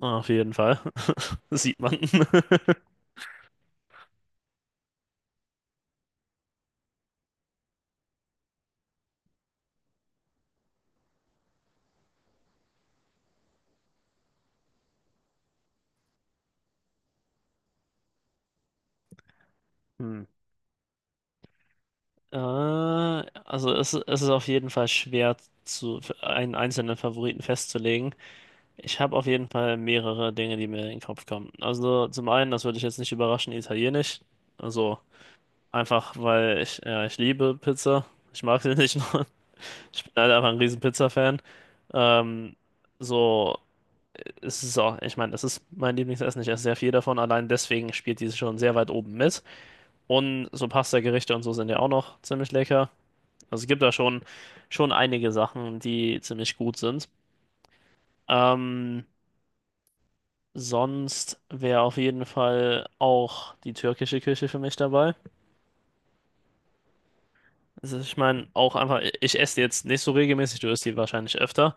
Auf jeden Fall. Sieht man. Hm. Also es ist auf jeden Fall schwer zu für einen einzelnen Favoriten festzulegen. Ich habe auf jeden Fall mehrere Dinge, die mir in den Kopf kommen. Also zum einen, das würde ich jetzt nicht überraschen, Italienisch. Also einfach, weil ich liebe Pizza. Ich mag sie nicht nur. Ich bin halt einfach ein riesen Pizza-Fan. Ähm, so, Es ist auch, ich meine, das ist mein Lieblingsessen. Ich esse sehr viel davon. Allein deswegen spielt diese schon sehr weit oben mit. Und so Pasta-Gerichte und so sind ja auch noch ziemlich lecker. Also es gibt da schon einige Sachen, die ziemlich gut sind. Ähm, Sonst wäre auf jeden Fall auch die türkische Küche für mich dabei. Also ich meine, auch einfach, ich esse jetzt nicht so regelmäßig, du isst die wahrscheinlich öfter.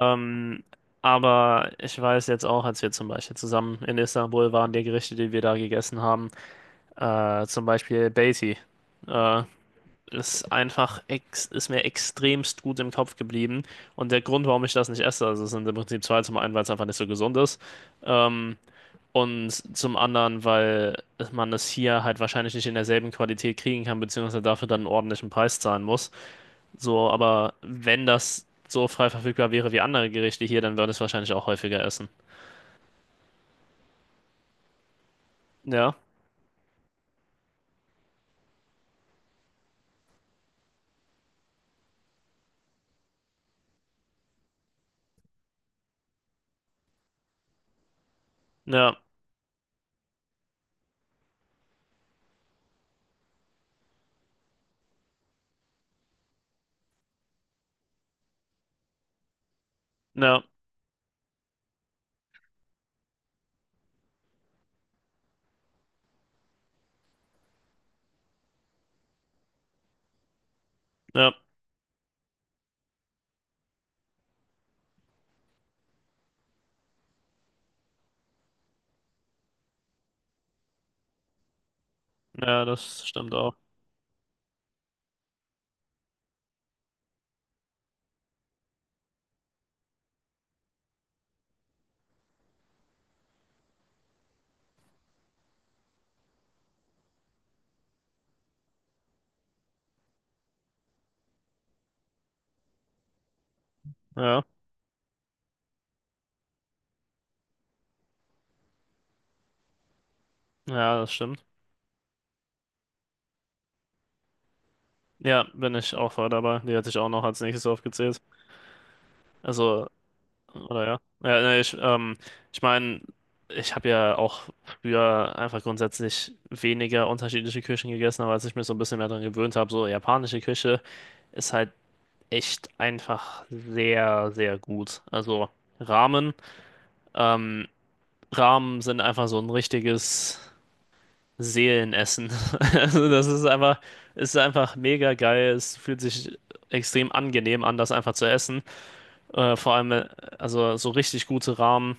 Ähm, aber ich weiß jetzt auch, als wir zum Beispiel zusammen in Istanbul waren, die Gerichte, die wir da gegessen haben, zum Beispiel Beiti. Äh, ist einfach ex Ist mir extremst gut im Kopf geblieben. Und der Grund, warum ich das nicht esse, also es sind im Prinzip zwei. Zum einen, weil es einfach nicht so gesund ist. Ähm, und zum anderen, weil man es hier halt wahrscheinlich nicht in derselben Qualität kriegen kann, beziehungsweise dafür dann einen ordentlichen Preis zahlen muss. So, aber wenn das so frei verfügbar wäre wie andere Gerichte hier, dann würde ich es wahrscheinlich auch häufiger essen. Ja, ja, ja, ja, ja, das stimmt auch. Ja, ja, das stimmt. Ja, bin ich auch voll dabei. Die hätte ich auch noch als nächstes aufgezählt. Also, oder ja. Ja, nee, ich meine, ich habe ja auch früher einfach grundsätzlich weniger unterschiedliche Küchen gegessen, aber als ich mich so ein bisschen mehr daran gewöhnt habe, so japanische Küche ist halt echt einfach sehr, sehr gut. Also Ramen, ähm, Ramen sind einfach so ein richtiges. Seelen essen. Also das ist einfach mega geil. Es fühlt sich extrem angenehm an, das einfach zu essen. Äh, vor allem, äh, also so richtig gute Ramen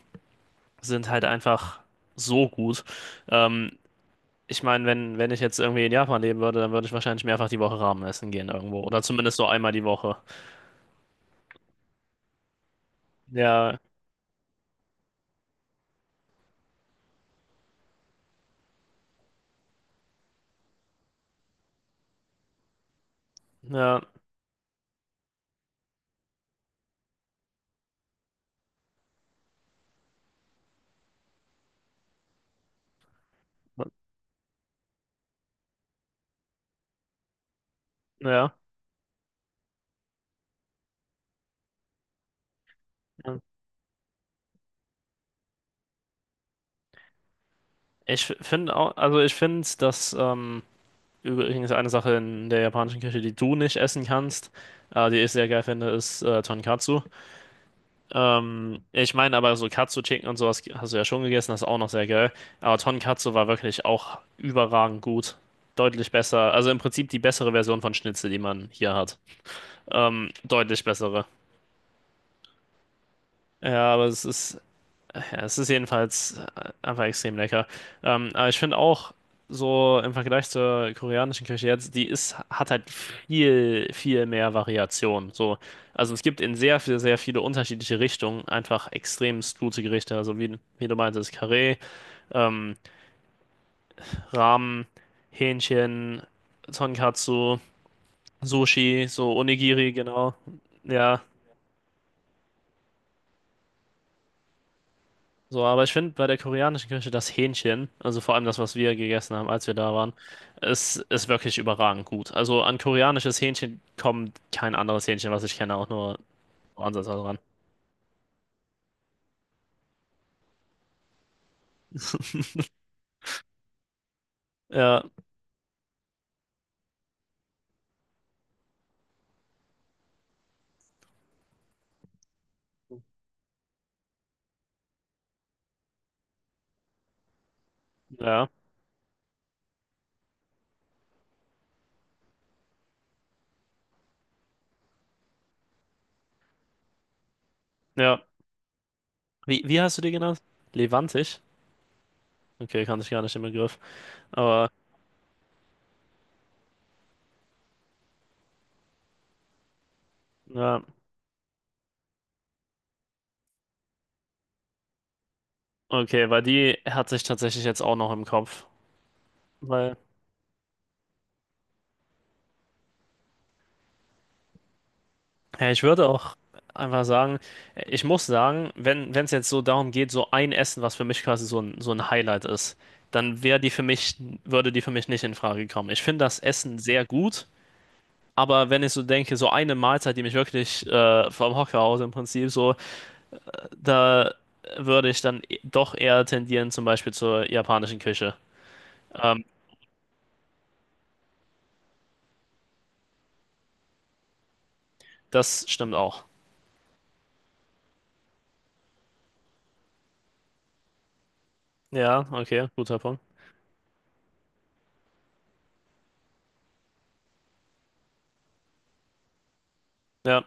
sind halt einfach so gut. Ähm, Ich meine, wenn ich jetzt irgendwie in Japan leben würde, dann würde ich wahrscheinlich mehrfach die Woche Ramen essen gehen irgendwo. Oder zumindest so einmal die Woche. Ja, ja, ja. Ich finde auch, also ich finde. Dass Übrigens eine Sache in der japanischen Küche, die du nicht essen kannst, die ich sehr geil finde, ist Tonkatsu. Ich meine aber so Katsu-Chicken und sowas hast du ja schon gegessen, das ist auch noch sehr geil. Aber Tonkatsu war wirklich auch überragend gut. Deutlich besser, also im Prinzip die bessere Version von Schnitzel, die man hier hat. Deutlich bessere. Ja, aber es ist, ja, es ist jedenfalls einfach extrem lecker. Aber ich finde auch, so im Vergleich zur koreanischen Küche jetzt, die hat halt viel, viel mehr Variation. So, also es gibt in sehr, sehr, sehr viele unterschiedliche Richtungen einfach extremst gute Gerichte. Also wie du meintest, Karee, ähm, Ramen, Hähnchen, Tonkatsu, Sushi, so Onigiri, genau. Ja. So, aber ich finde bei der koreanischen Küche das Hähnchen, also vor allem das, was wir gegessen haben, als wir da waren, ist wirklich überragend gut. Also an koreanisches Hähnchen kommt kein anderes Hähnchen, was ich kenne, auch nur ansatzweise ran. Ja, ja, ja. Wie hast du die genannt? Levantisch? Okay, kannte ich gar nicht den Begriff. Aber, ja, okay, weil die hat sich tatsächlich jetzt auch noch im Kopf. Weil, Ja, ich würde auch einfach sagen, ich muss sagen, wenn es jetzt so darum geht, so ein Essen, was für mich quasi so ein Highlight ist, dann wäre die für mich, würde die für mich nicht in Frage kommen. Ich finde das Essen sehr gut, aber wenn ich so denke, so eine Mahlzeit, die mich wirklich vom Hocker haut im Prinzip so, da würde ich dann doch eher tendieren, zum Beispiel zur japanischen Küche. Ähm, Das stimmt auch. Ja, okay, guter Punkt. Ja.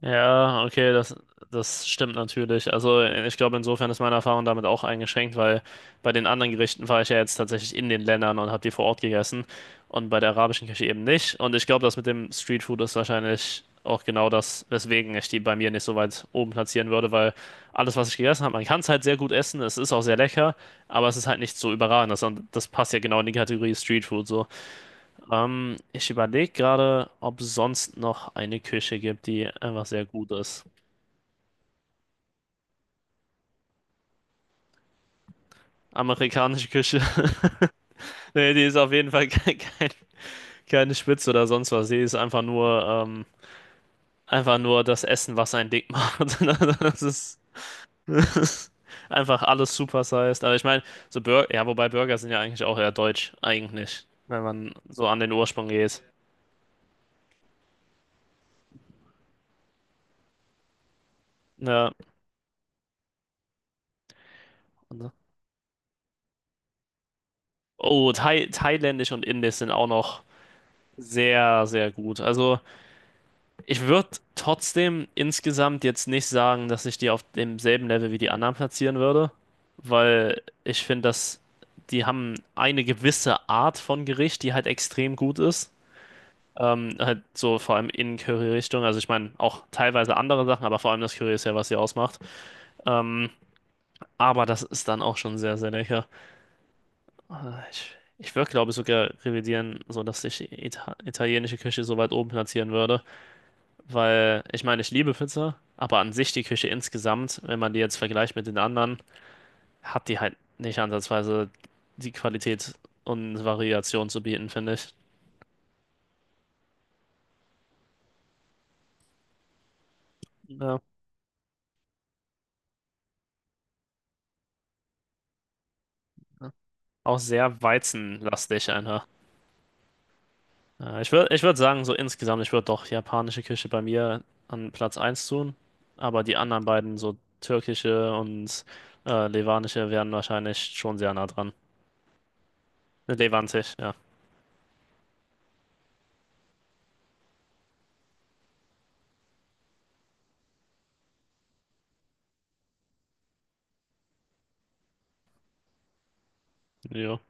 Ja, okay, das stimmt natürlich. Also ich glaube, insofern ist meine Erfahrung damit auch eingeschränkt, weil bei den anderen Gerichten war ich ja jetzt tatsächlich in den Ländern und habe die vor Ort gegessen und bei der arabischen Küche eben nicht. Und ich glaube, das mit dem Streetfood ist wahrscheinlich auch genau das, weswegen ich die bei mir nicht so weit oben platzieren würde, weil alles, was ich gegessen habe, man kann es halt sehr gut essen, es ist auch sehr lecker, aber es ist halt nicht so überragend. Das, und das passt ja genau in die Kategorie Streetfood so. Ich überlege gerade, ob es sonst noch eine Küche gibt, die einfach sehr gut ist. Amerikanische Küche. Nee, die ist auf jeden Fall keine Spitze oder sonst was. Die ist einfach nur das Essen, was einen dick macht. Das ist, das ist, einfach alles supersized. Aber ich meine, so Burger, ja, wobei Burger sind ja eigentlich auch eher deutsch, eigentlich, wenn man so an den Ursprung geht. Ja. Oh, Thai, thailändisch und indisch sind auch noch sehr, sehr gut. Also. Ich würde trotzdem insgesamt jetzt nicht sagen, dass ich die auf demselben Level wie die anderen platzieren würde, weil ich finde, dass die haben eine gewisse Art von Gericht, die halt extrem gut ist. Halt so vor allem in Curry-Richtung. Also ich meine auch teilweise andere Sachen, aber vor allem das Curry ist ja, was sie ausmacht. Ähm, aber das ist dann auch schon sehr, sehr lecker. Ich würde, glaube ich, sogar revidieren, so dass ich italienische Küche so weit oben platzieren würde. Weil, ich meine, ich liebe Pizza, aber an sich die Küche insgesamt, wenn man die jetzt vergleicht mit den anderen, hat die halt nicht ansatzweise die Qualität und Variation zu bieten, finde ich. Ja. Auch sehr weizenlastig einfach. Ja, ich würd sagen, so insgesamt, ich würde doch japanische Küche bei mir an Platz eins tun, aber die anderen beiden, so türkische und levanische, wären wahrscheinlich schon sehr nah dran. Levantisch, ja. Jo.